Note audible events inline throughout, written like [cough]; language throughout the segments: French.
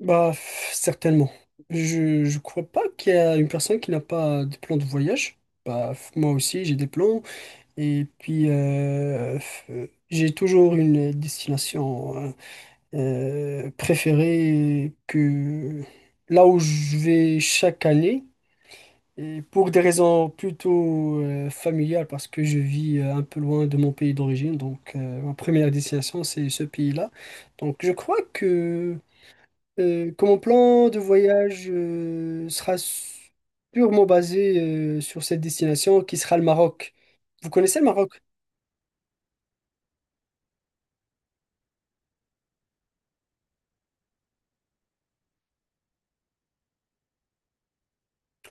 Bah, pff, certainement. Je crois pas qu'il y a une personne qui n'a pas des plans de voyage. Bah, pff, moi aussi, j'ai des plans. Et puis, j'ai toujours une destination préférée que là où je vais chaque année. Et pour des raisons plutôt familiales, parce que je vis un peu loin de mon pays d'origine. Donc, ma première destination, c'est ce pays-là. Donc, je crois que mon plan de voyage sera purement basé sur cette destination qui sera le Maroc. Vous connaissez le Maroc?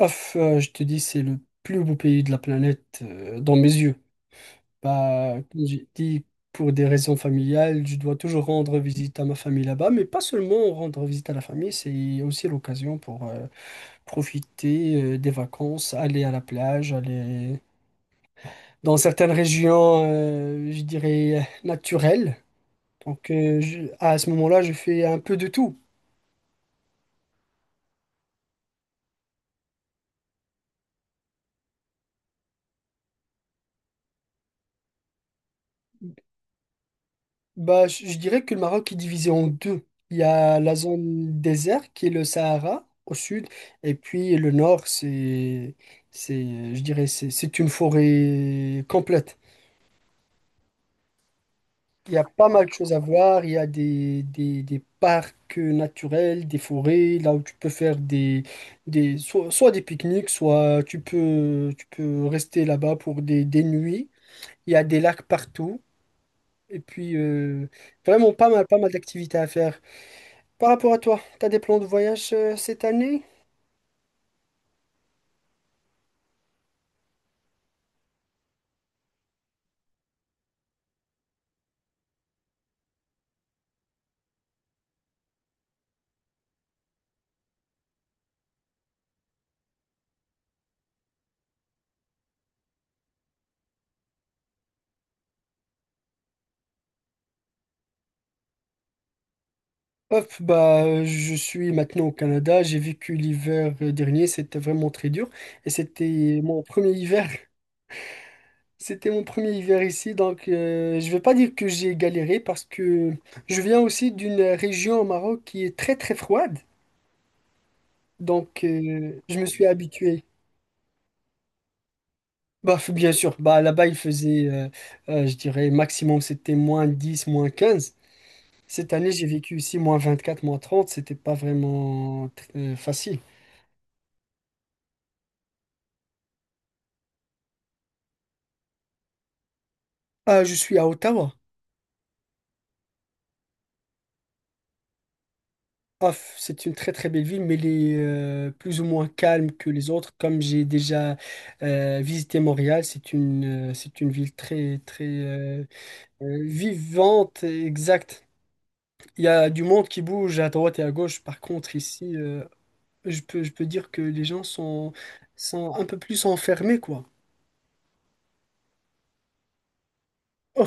Ouf, je te dis, c'est le plus beau pays de la planète dans mes yeux. Bah, comme j'ai dit, pour des raisons familiales, je dois toujours rendre visite à ma famille là-bas, mais pas seulement rendre visite à la famille, c'est aussi l'occasion pour profiter des vacances, aller à la plage, aller dans certaines régions, je dirais, naturelles. Donc à ce moment-là, je fais un peu de tout. Bah, je dirais que le Maroc est divisé en deux. Il y a la zone désert qui est le Sahara au sud, et puis le nord, c'est, je dirais, c'est une forêt complète. Il y a pas mal de choses à voir. Il y a des parcs naturels, des forêts, là où tu peux faire soit des pique-niques, soit tu peux rester là-bas pour des nuits. Il y a des lacs partout. Et puis, vraiment pas mal d'activités à faire. Par rapport à toi, t'as des plans de voyage cette année? Je suis maintenant au Canada. J'ai vécu l'hiver dernier. C'était vraiment très dur. Et c'était mon premier hiver. [laughs] C'était mon premier hiver ici. Donc, je vais pas dire que j'ai galéré parce que je viens aussi d'une région au Maroc qui est très, très froide. Donc, je me suis habitué. Bah, f- bien sûr. Bah, là-bas, il faisait, je dirais, maximum, c'était moins 10 moins quinze. Cette année, j'ai vécu ici moins 24, moins 30. C'était pas vraiment facile. Ah, je suis à Ottawa. Ah, f- c'est une très très belle ville, mais elle est plus ou moins calme que les autres. Comme j'ai déjà visité Montréal, c'est une ville très très vivante, et exacte. Il y a du monde qui bouge à droite et à gauche. Par contre, ici, je peux dire que les gens sont un peu plus enfermés, quoi. Oh,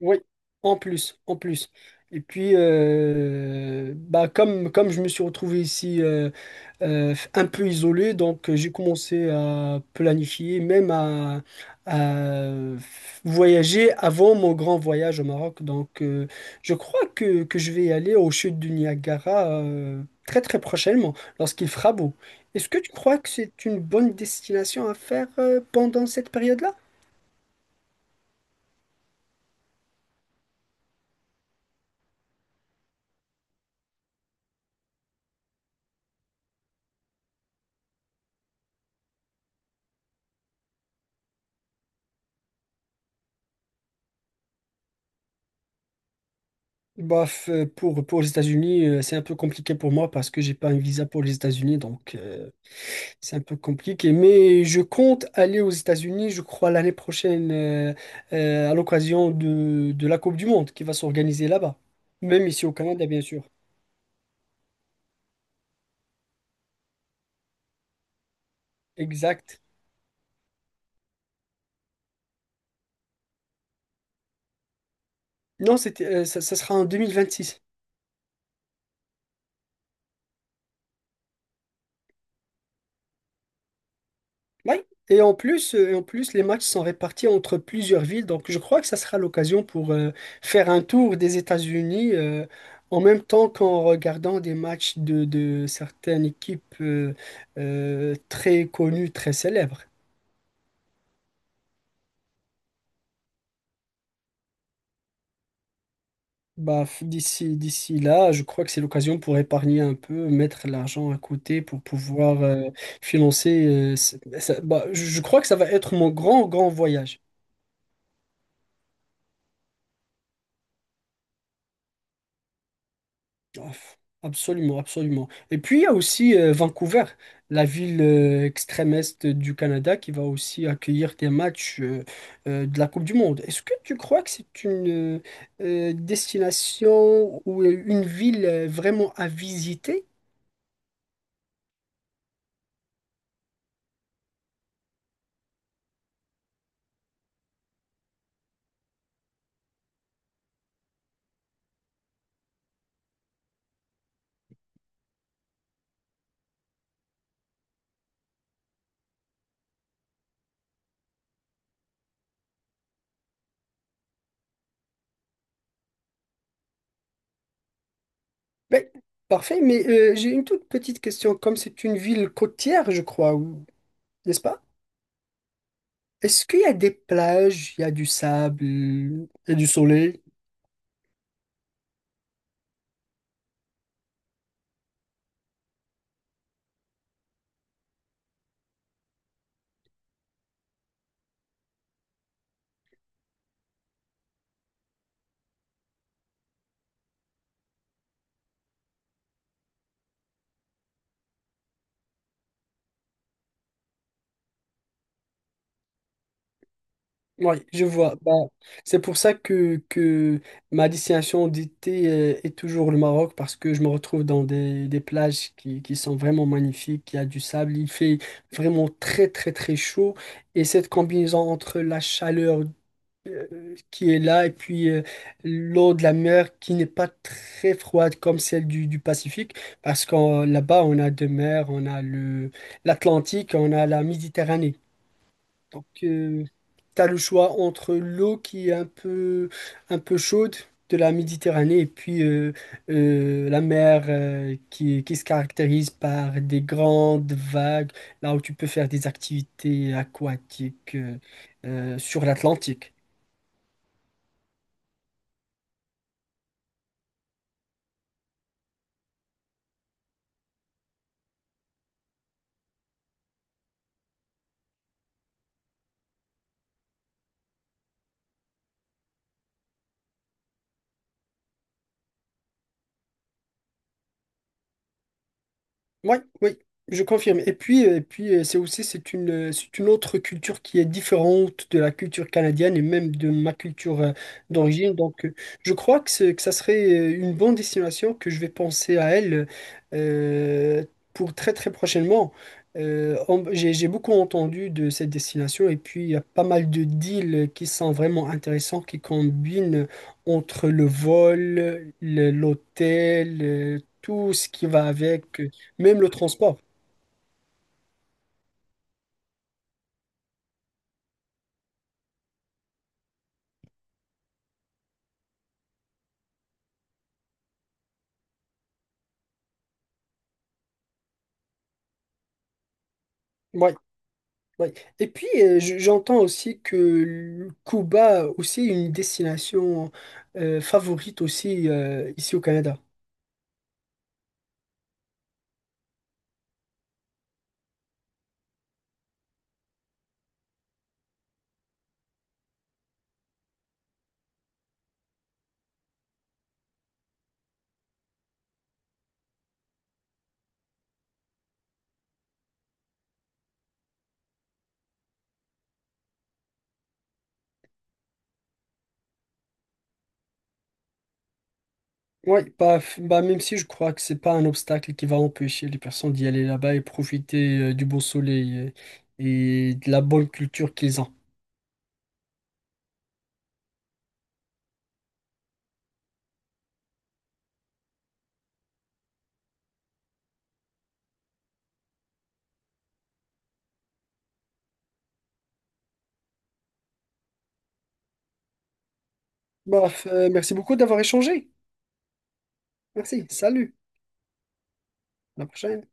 oui, en plus, en plus. Et puis, bah, comme je me suis retrouvé ici un peu isolé, donc j'ai commencé à planifier, même à voyager avant mon grand voyage au Maroc. Donc, je crois que je vais aller aux chutes du Niagara très très prochainement, lorsqu'il fera beau. Est-ce que tu crois que c'est une bonne destination à faire pendant cette période-là? Bah, pour les États-Unis, c'est un peu compliqué pour moi parce que j'ai pas un visa pour les États-Unis, donc c'est un peu compliqué. Mais je compte aller aux États-Unis, je crois, l'année prochaine, à l'occasion de la Coupe du Monde qui va s'organiser là-bas. Même ici au Canada, bien sûr. Exact. Non, c'était, ça, ça sera en 2026. Oui, et en plus, les matchs sont répartis entre plusieurs villes, donc je crois que ça sera l'occasion pour faire un tour des États-Unis en même temps qu'en regardant des matchs de certaines équipes très connues, très célèbres. Bah, d'ici là, je crois que c'est l'occasion pour épargner un peu, mettre l'argent à côté pour pouvoir financer. Je crois que ça va être mon grand, grand voyage. Ouf, absolument, absolument. Et puis il y a aussi Vancouver, la ville extrême est du Canada, qui va aussi accueillir des matchs de la Coupe du Monde. Est-ce que tu crois que c'est une destination ou une ville vraiment à visiter? Ben, parfait, mais j'ai une toute petite question. Comme c'est une ville côtière, je crois, ou- n'est-ce pas? Est-ce qu'il y a des plages, il y a du sable, il y a du soleil? Oui, je vois. Bah, c'est pour ça que ma destination d'été est toujours le Maroc, parce que je me retrouve dans des plages qui sont vraiment magnifiques, il y a du sable, il fait vraiment très très très chaud, et cette combinaison entre la chaleur qui est là et puis l'eau de la mer qui n'est pas très froide comme celle du Pacifique, parce que là-bas on a deux mers, on a le l'Atlantique, on a la Méditerranée. Donc, t'as le choix entre l'eau qui est un peu chaude de la Méditerranée et puis la mer qui se caractérise par des grandes vagues, là où tu peux faire des activités aquatiques sur l'Atlantique. Oui, oui, je confirme. Et puis, c'est aussi c'est une autre culture qui est différente de la culture canadienne et même de ma culture d'origine. Donc, je crois que ça serait une bonne destination que je vais penser à elle euh, pour très très prochainement. J'ai beaucoup entendu de cette destination et puis il y a pas mal de deals qui sont vraiment intéressants, qui combinent entre le vol, l'hôtel, tout ce qui va avec. Même le transport. Ouais, ouais. Et puis, j'entends aussi que le Cuba aussi est une destination favorite aussi ici au Canada. Ouais, bah, f- bah, même si je crois que c'est pas un obstacle qui va empêcher les personnes d'y aller là-bas et profiter du beau soleil et de la bonne culture qu'ils ont. Bref, merci beaucoup d'avoir échangé. Merci, salut, à la prochaine.